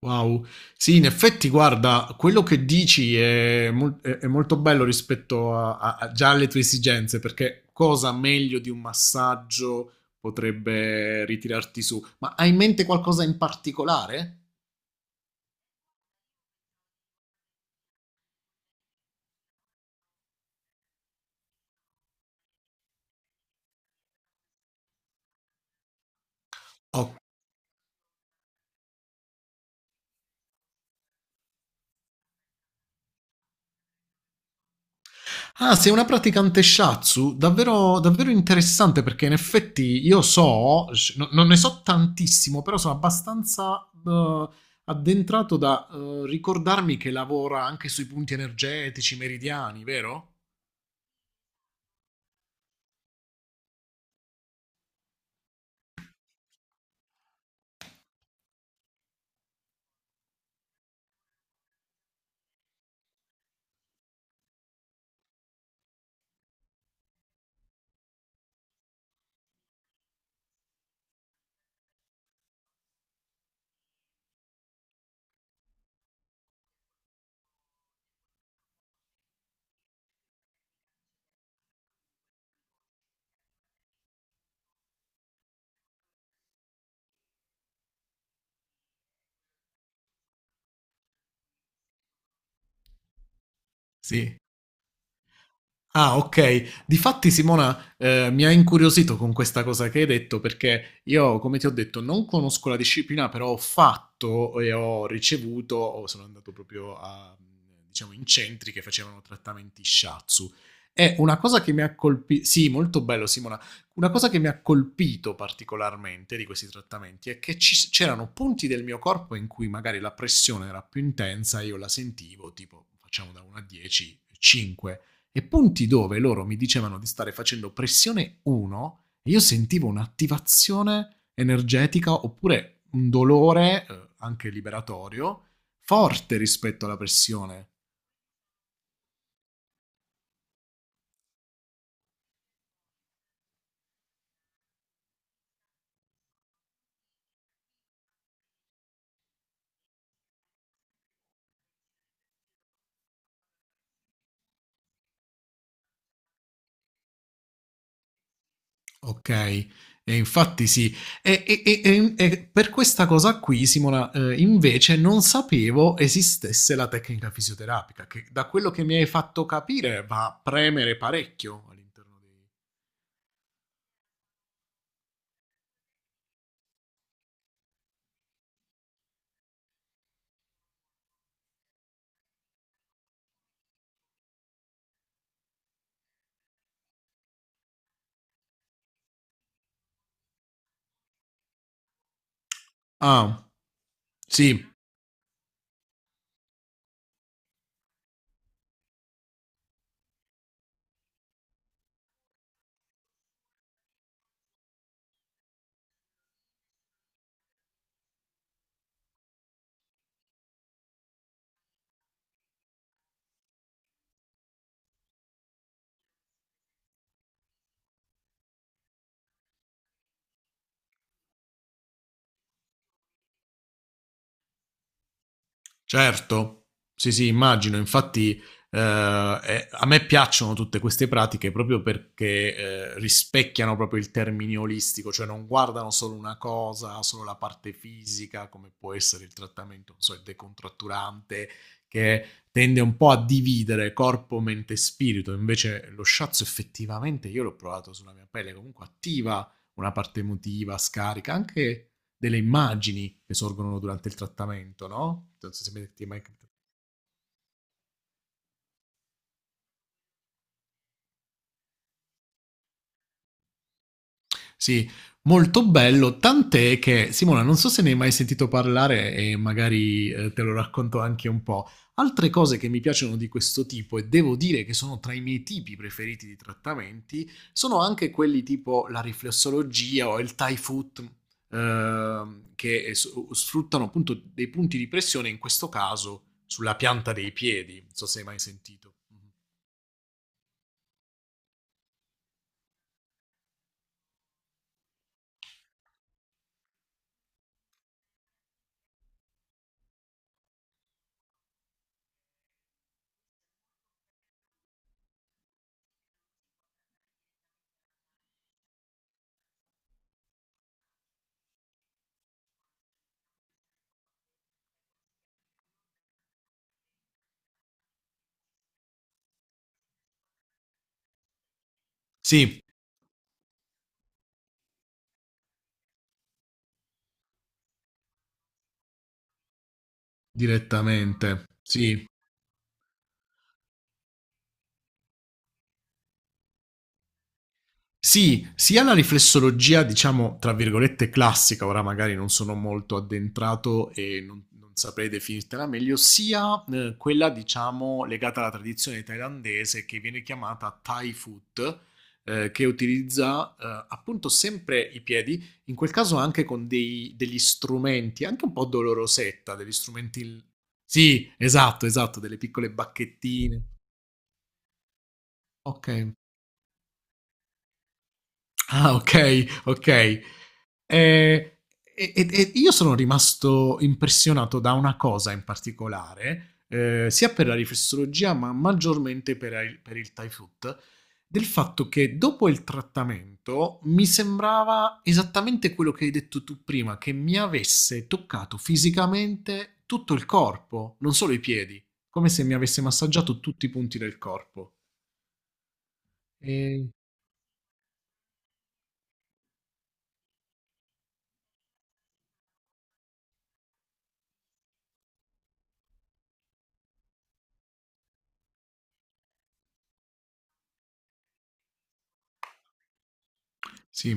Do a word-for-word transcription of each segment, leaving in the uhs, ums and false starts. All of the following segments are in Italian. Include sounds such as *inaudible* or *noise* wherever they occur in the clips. Wow, sì, in effetti, guarda, quello che dici è, mol- è- è molto bello rispetto a, a- a- già alle tue esigenze, perché cosa meglio di un massaggio potrebbe ritirarti su? Ma hai in mente qualcosa in particolare? Ah, sei una praticante shatsu? Davvero, davvero interessante perché in effetti io so, sh- no- non ne so tantissimo, però sono abbastanza eh, addentrato da eh, ricordarmi che lavora anche sui punti energetici meridiani, vero? Sì. Ah, ok. Difatti, Simona, eh, mi ha incuriosito con questa cosa che hai detto, perché io, come ti ho detto, non conosco la disciplina, però ho fatto e ho ricevuto, o sono andato proprio a, diciamo, in centri che facevano trattamenti shiatsu. E una cosa che mi ha colpito, sì, molto bello, Simona, una cosa che mi ha colpito particolarmente di questi trattamenti è che ci- c'erano punti del mio corpo in cui magari la pressione era più intensa, e io la sentivo, tipo, facciamo da uno a dieci, cinque, e punti dove loro mi dicevano di stare facendo pressione uno e io sentivo un'attivazione energetica oppure un dolore, eh, anche liberatorio, forte rispetto alla pressione. Ok, e infatti sì. E, e- e- e per questa cosa qui, Simona, eh, invece non sapevo esistesse la tecnica fisioterapica, che da quello che mi hai fatto capire va a premere parecchio all'interno dei... Ah, sì. Certo, sì, sì, immagino. Infatti, eh, eh, a me piacciono tutte queste pratiche proprio perché eh, rispecchiano proprio il termine olistico, cioè non guardano solo una cosa, solo la parte fisica, come può essere il trattamento, non so, il decontratturante, che tende un po' a dividere corpo, mente e spirito. Invece lo shiatsu effettivamente, io l'ho provato sulla mia pelle, comunque attiva una parte emotiva, scarica anche delle immagini che sorgono durante il trattamento, no? Non so se mi ti è mai capitato. Sì, molto bello, tant'è che Simona, non so se ne hai mai sentito parlare e magari eh, te lo racconto anche un po'. Altre cose che mi piacciono di questo tipo e devo dire che sono tra i miei tipi preferiti di trattamenti sono anche quelli tipo la riflessologia o il Thai foot, eh, che s- sfruttano appunto dei punti di pressione in questo caso sulla pianta dei piedi, non so se hai mai sentito. Mhm. Sì, direttamente. Sì. Sì, sia la riflessologia, diciamo, tra virgolette classica, ora magari non sono molto addentrato e non, non saprei definirtela meglio, sia eh, quella, diciamo, legata alla tradizione thailandese che viene chiamata Thai foot, eh, che utilizza eh, appunto sempre i piedi, in quel caso anche con dei- degli strumenti, anche un po' dolorosetta, degli strumenti... Sì, esatto, esatto, delle piccole bacchettine. Ok. Ah, ok, ok. Eh, e, e- e io sono rimasto impressionato da una cosa in particolare, eh, sia per la riflessologia, ma maggiormente per, il- per il Thai food, del fatto che dopo il trattamento mi sembrava esattamente quello che hai detto tu prima, che mi avesse toccato fisicamente tutto il corpo, non solo i piedi, come se mi avesse massaggiato tutti i punti del corpo. E... Sì.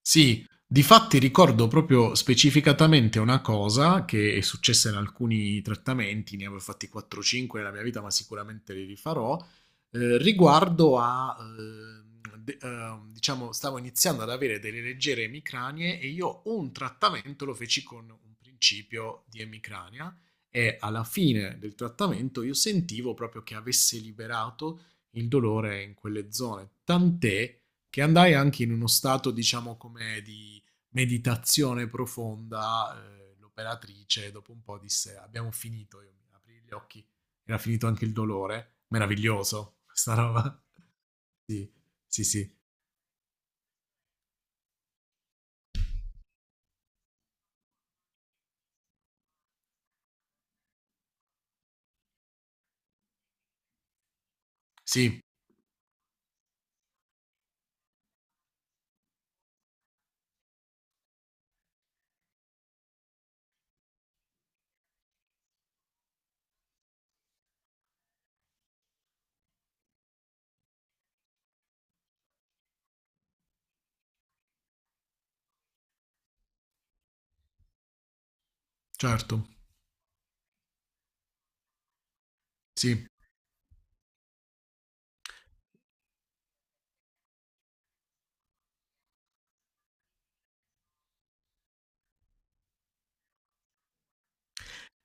Sì, difatti ricordo proprio specificatamente una cosa che è successa in alcuni trattamenti, ne avevo fatti quattro o cinque nella mia vita, ma sicuramente li rifarò, eh, riguardo a, eh, de- eh, diciamo, stavo iniziando ad avere delle leggere emicranie e io un trattamento lo feci con un principio di emicrania e alla fine del trattamento io sentivo proprio che avesse liberato il dolore in quelle zone, tant'è che andai anche in uno stato, diciamo, come di meditazione profonda. Eh, l'operatrice, dopo un po', disse: abbiamo finito. Io mi aprii gli occhi, era finito anche il dolore. Meraviglioso, questa roba. *laughs* Sì, sì, sì, sì, certo, sì.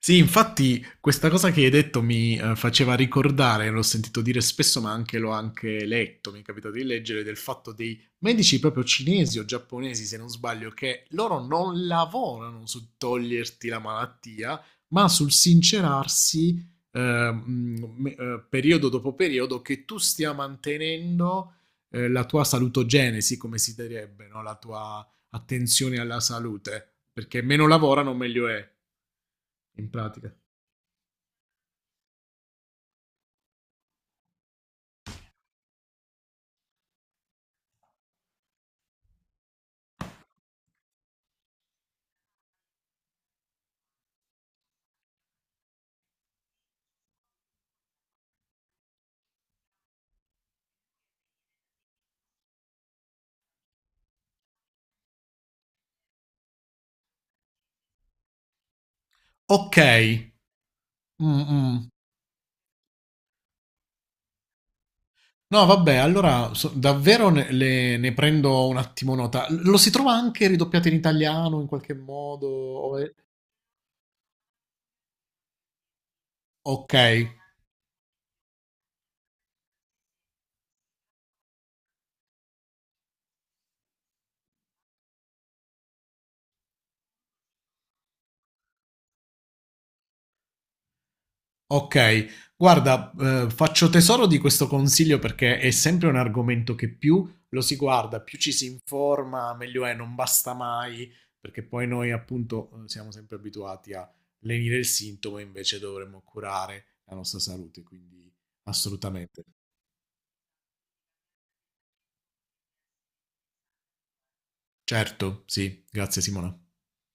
Sì, infatti questa cosa che hai detto mi eh, faceva ricordare, l'ho sentito dire spesso, ma anche l'ho anche letto, mi è capitato di leggere, del fatto dei medici proprio cinesi o giapponesi, se non sbaglio, che loro non lavorano su toglierti la malattia, ma sul sincerarsi eh, mh, me- eh, periodo dopo periodo che tu stia mantenendo eh, la tua salutogenesi, come si direbbe, no? La tua attenzione alla salute, perché meno lavorano meglio è, in pratica. Okay. Mh-mh. No vabbè, allora so davvero ne le ne prendo un attimo nota. L Lo si trova anche ridoppiato in italiano in qualche modo o è okay, okay. Guarda, ehm, faccio tesoro di questo consiglio perché è sempre un argomento che più lo si guarda, più ci si informa, meglio è, non basta mai, perché poi noi appunto, uhm, siamo sempre abituati a lenire il sintomo e invece dovremmo curare la nostra salute, quindi assolutamente. Certo, sì, grazie Simona.